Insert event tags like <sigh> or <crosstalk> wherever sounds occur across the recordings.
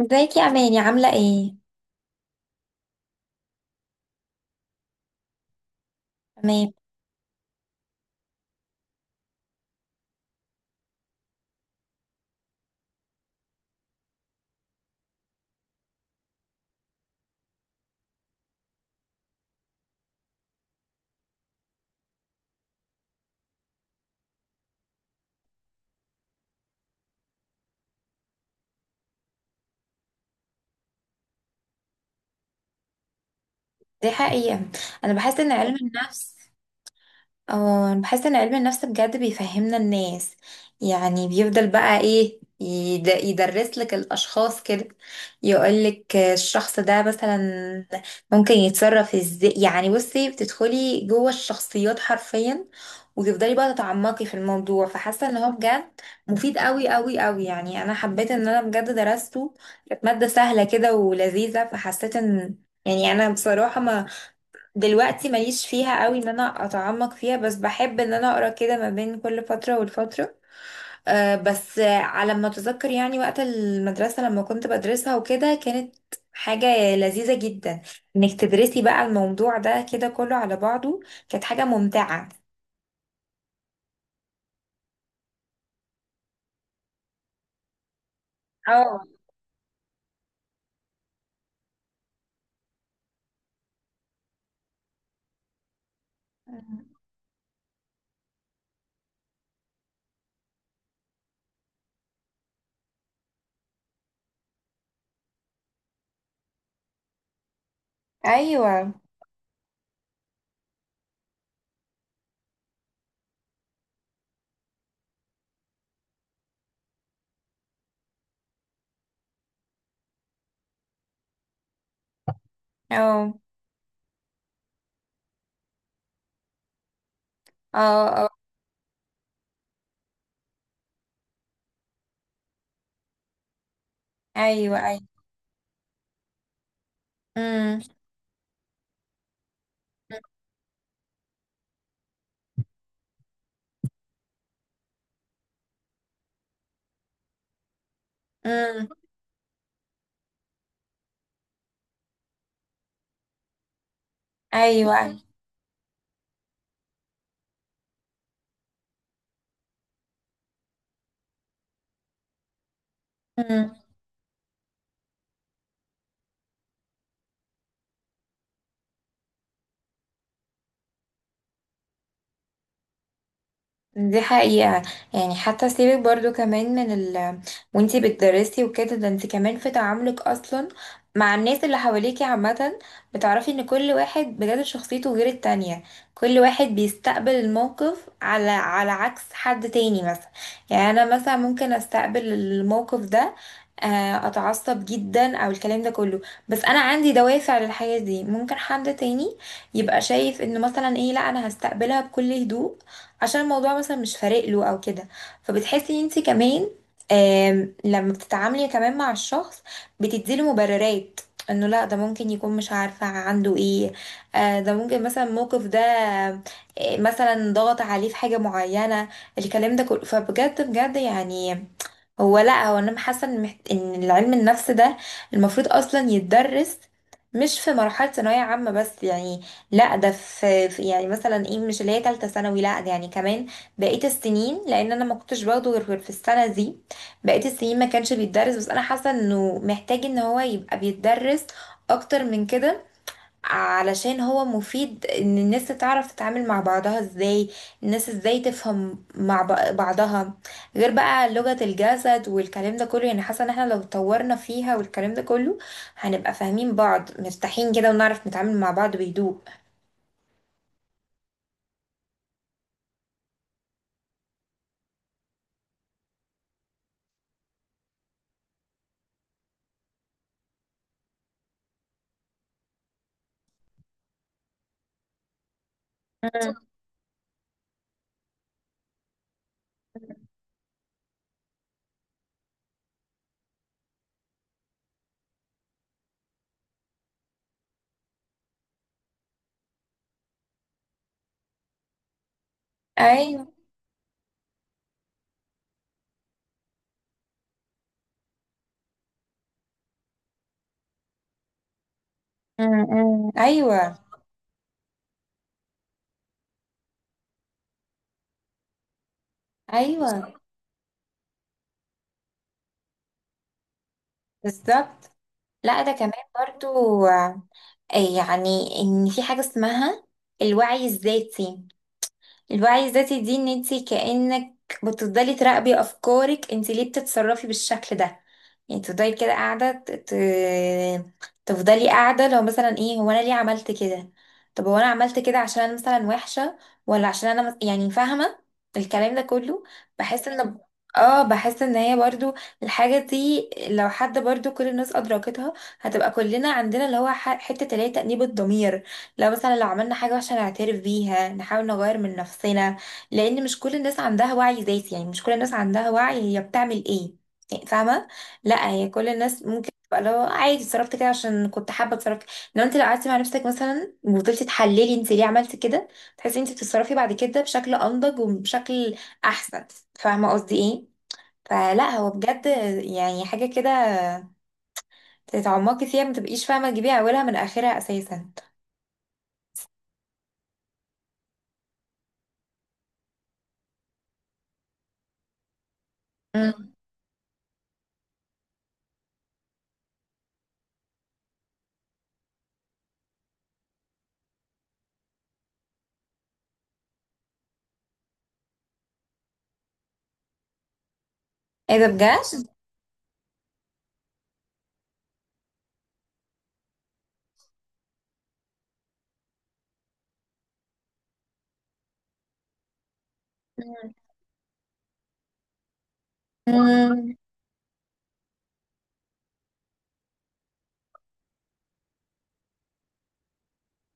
ازيك يا اماني، عامله ايه؟ تمام. دي حقيقه. انا بحس ان علم الحمد النفس. اه، انا بحس ان علم النفس بجد بيفهمنا الناس. يعني بيفضل بقى ايه يدرس لك الاشخاص كده، يقول لك الشخص ده مثلا ممكن يتصرف ازاي. يعني بصي، بتدخلي جوه الشخصيات حرفيا وتفضلي بقى تتعمقي في الموضوع، فحاسه ان هو بجد مفيد قوي قوي قوي. يعني انا حبيت ان انا بجد درسته، كانت ماده سهله كده ولذيذه، فحسيت ان يعني انا بصراحه ما دلوقتي ماليش فيها قوي ان انا اتعمق فيها، بس بحب ان انا اقرا كده ما بين كل فتره والفتره. أه بس على ما اتذكر يعني وقت المدرسه لما كنت بدرسها وكده، كانت حاجه لذيذه جدا انك تدرسي بقى الموضوع ده كده كله على بعضه، كانت حاجه ممتعه. اه. ايوه. اه. اه. اه. ايوه. ايوه. امم. امم. ايوه. ايوه. امم. دي حقيقة. يعني حتى سيبك برضو كمان من ال، وانتي بتدرسي وكده، ده انتي كمان في تعاملك اصلا مع الناس اللي حواليكي عامة بتعرفي ان كل واحد بجد شخصيته غير التانية. كل واحد بيستقبل الموقف على عكس حد تاني مثلا. يعني انا مثلا ممكن استقبل الموقف ده اتعصب جدا او الكلام ده كله، بس انا عندي دوافع للحاجة دي. ممكن حد تاني يبقى شايف انه مثلا ايه، لا انا هستقبلها بكل هدوء عشان الموضوع مثلا مش فارق له او كده. فبتحسي انت كمان لما بتتعاملي كمان مع الشخص، بتديله مبررات انه لا ده ممكن يكون مش عارفة عنده ايه. ده ممكن مثلا الموقف ده مثلا ضغط عليه في حاجة معينة، الكلام ده كله. فبجد بجد يعني، هو لا هو انا حاسه ان ان العلم النفس ده المفروض اصلا يتدرس مش في مرحله ثانويه عامه بس يعني، لا ده يعني مثلا ايه، مش اللي هي تالته ثانوي، لا ده يعني كمان بقيه السنين. لان انا ما كنتش باخده غير في السنه دي، بقيه السنين ما كانش بيتدرس، بس انا حاسه انه محتاج ان هو يبقى بيتدرس اكتر من كده علشان هو مفيد ان الناس تعرف تتعامل مع بعضها ازاي. الناس ازاي تفهم مع بعضها، غير بقى لغة الجسد والكلام ده كله. يعني حاسة ان احنا لو اتطورنا فيها والكلام ده كله هنبقى فاهمين بعض، مرتاحين كده، ونعرف نتعامل مع بعض بهدوء. مم. ايوه. مم. مم. ايوه. ايوه. بالظبط. لا ده كمان برضو يعني ان في حاجة اسمها الوعي الذاتي. الوعي الذاتي دي ان انت كأنك بتفضلي تراقبي افكارك. انت ليه بتتصرفي بالشكل ده؟ يعني تفضلي كده قاعدة تفضلي قاعدة لو مثلا ايه، هو انا ليه عملت كده؟ طب هو انا عملت كده عشان انا مثلا وحشة، ولا عشان انا يعني فاهمة الكلام ده كله. بحس ان اه بحس ان هي برضو الحاجة دي لو حد برضو كل الناس ادركتها، هتبقى كلنا عندنا اللي هو حتة اللي هي تأنيب الضمير. لو مثلا لو عملنا حاجة وحشة نعترف بيها نحاول نغير من نفسنا، لأن مش كل الناس عندها وعي ذاتي. يعني مش كل الناس عندها وعي هي بتعمل ايه، يعني فاهمة، لا هي كل الناس ممكن تبقى لو عادي اتصرفت كده عشان كنت حابة اتصرف كده. انما انت لو قعدتي مع نفسك مثلا وفضلتي تحللي انت ليه عملتي كده، تحسي انت بتتصرفي بعد كده بشكل أنضج وبشكل أحسن. فاهمة قصدي ايه؟ فلا، هو بجد يعني حاجة كده تتعمقي فيها، ما تبقيش فاهمة تجيبي أولها من آخرها أساسا. مم. ايه ده بجد؟ امم.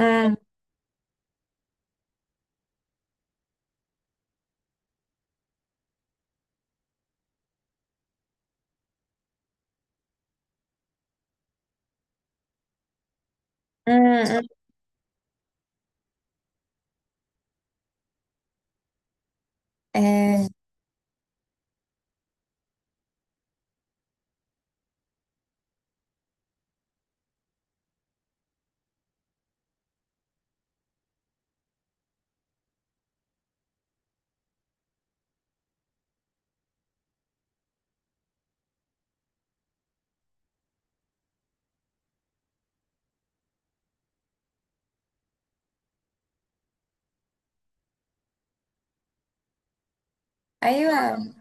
امم. امم. ايوه.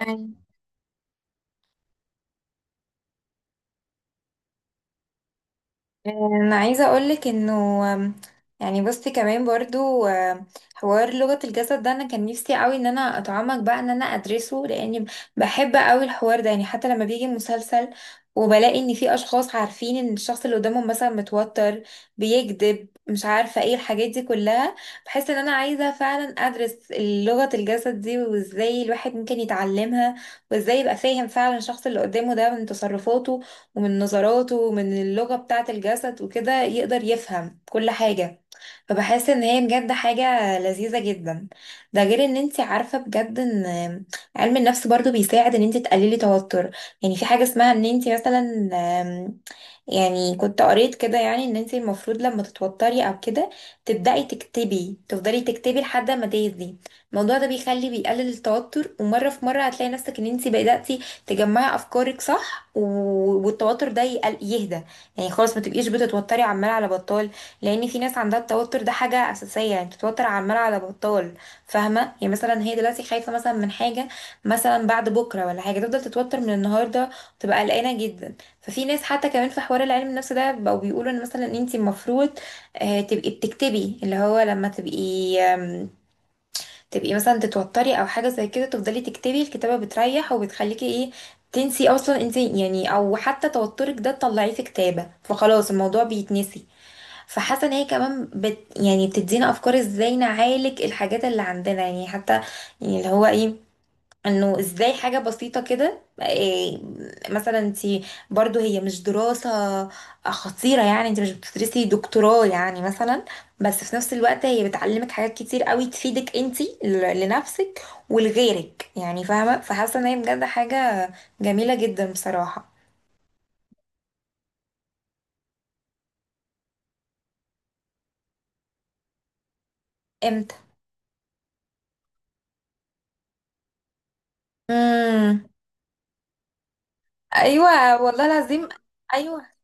أيوة. انا عايزه اقولك انه آم، يعني بصي كمان برضو حوار لغه الجسد ده انا كان نفسي قوي ان انا اتعمق بقى ان انا ادرسه لاني بحب قوي الحوار ده. يعني حتى لما بيجي مسلسل وبلاقي ان في اشخاص عارفين ان الشخص اللي قدامهم مثلا متوتر، بيكذب، مش عارفه ايه الحاجات دي كلها، بحس ان انا عايزه فعلا ادرس لغه الجسد دي، وازاي الواحد ممكن يتعلمها وازاي يبقى فاهم فعلا الشخص اللي قدامه ده من تصرفاته ومن نظراته ومن اللغة بتاعة الجسد وكده يقدر يفهم كل حاجة. فبحس ان هي بجد حاجة لذيذة جدا. ده غير ان انت عارفة بجد ان علم النفس برضو بيساعد ان انت تقللي توتر. يعني في حاجة اسمها ان انت مثلا، يعني كنت قريت كده، يعني ان انت المفروض لما تتوتري او كده تبدأي تكتبي، تفضلي تكتبي لحد ما تهدي. الموضوع ده بيخلي، بيقلل التوتر، ومرة في مرة هتلاقي نفسك ان انت بدأتي تجمعي افكارك صح، والتوتر ده يهدى. يعني خلاص، ما تبقيش بتتوتري عمال على بطال. لان في ناس عندها التوتر ده حاجة اساسية، يعني بتتوتر عمال على بطال. فاهمة، يعني مثلا هي دلوقتي خايفة مثلا من حاجة مثلا بعد بكرة ولا حاجة، تفضل تتوتر من النهاردة وتبقى قلقانة جدا. ففي ناس حتى كمان في حوار العلم النفس ده بقوا بيقولوا ان مثلا انت المفروض تبقي بتكتبي. اللي هو لما تبقي تبقي مثلا تتوتري او حاجه زي كده، تفضلي تكتبي. الكتابه بتريح وبتخليكي ايه، تنسي اصلا انت يعني، او حتى توترك ده تطلعيه في كتابه فخلاص الموضوع بيتنسي. فحاسه ان هي كمان يعني بتدينا افكار ازاي نعالج الحاجات اللي عندنا يعني. حتى يعني اللي هو ايه، انه ازاي حاجة بسيطة كده مثلا انت برضو، هي مش دراسة خطيرة يعني، انت مش بتدرسي دكتوراه يعني مثلا، بس في نفس الوقت هي بتعلمك حاجات كتير قوي تفيدك انت لنفسك ولغيرك يعني، فاهمة. فحاسة ان هي بجد حاجة جميلة جدا بصراحة. امتى؟ امم. ايوه والله العظيم. ايوه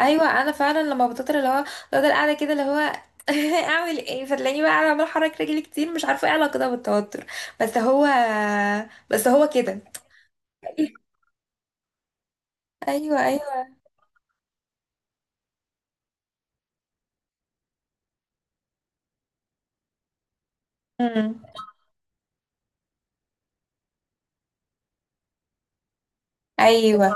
ايوه، انا فعلا لما بتطر اللي هو، بفضل قاعده كده اللي هو <laughs> اعمل ايه. فتلاقيني بقى قاعده عماله احرك رجلي كتير، مش عارفه ايه علاقتها بالتوتر، بس هو بس هو كده. ايوه. ايوه. امم. ايوه.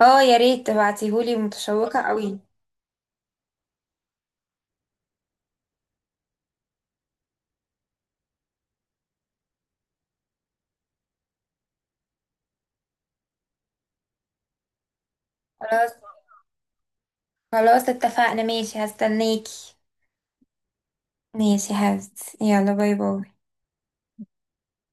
اه، يا ريت تبعتيهولي، متشوقه قوي. خلاص، خلاص اتفقنا، ماشي هستناكي. ماشي يلا، باي باي.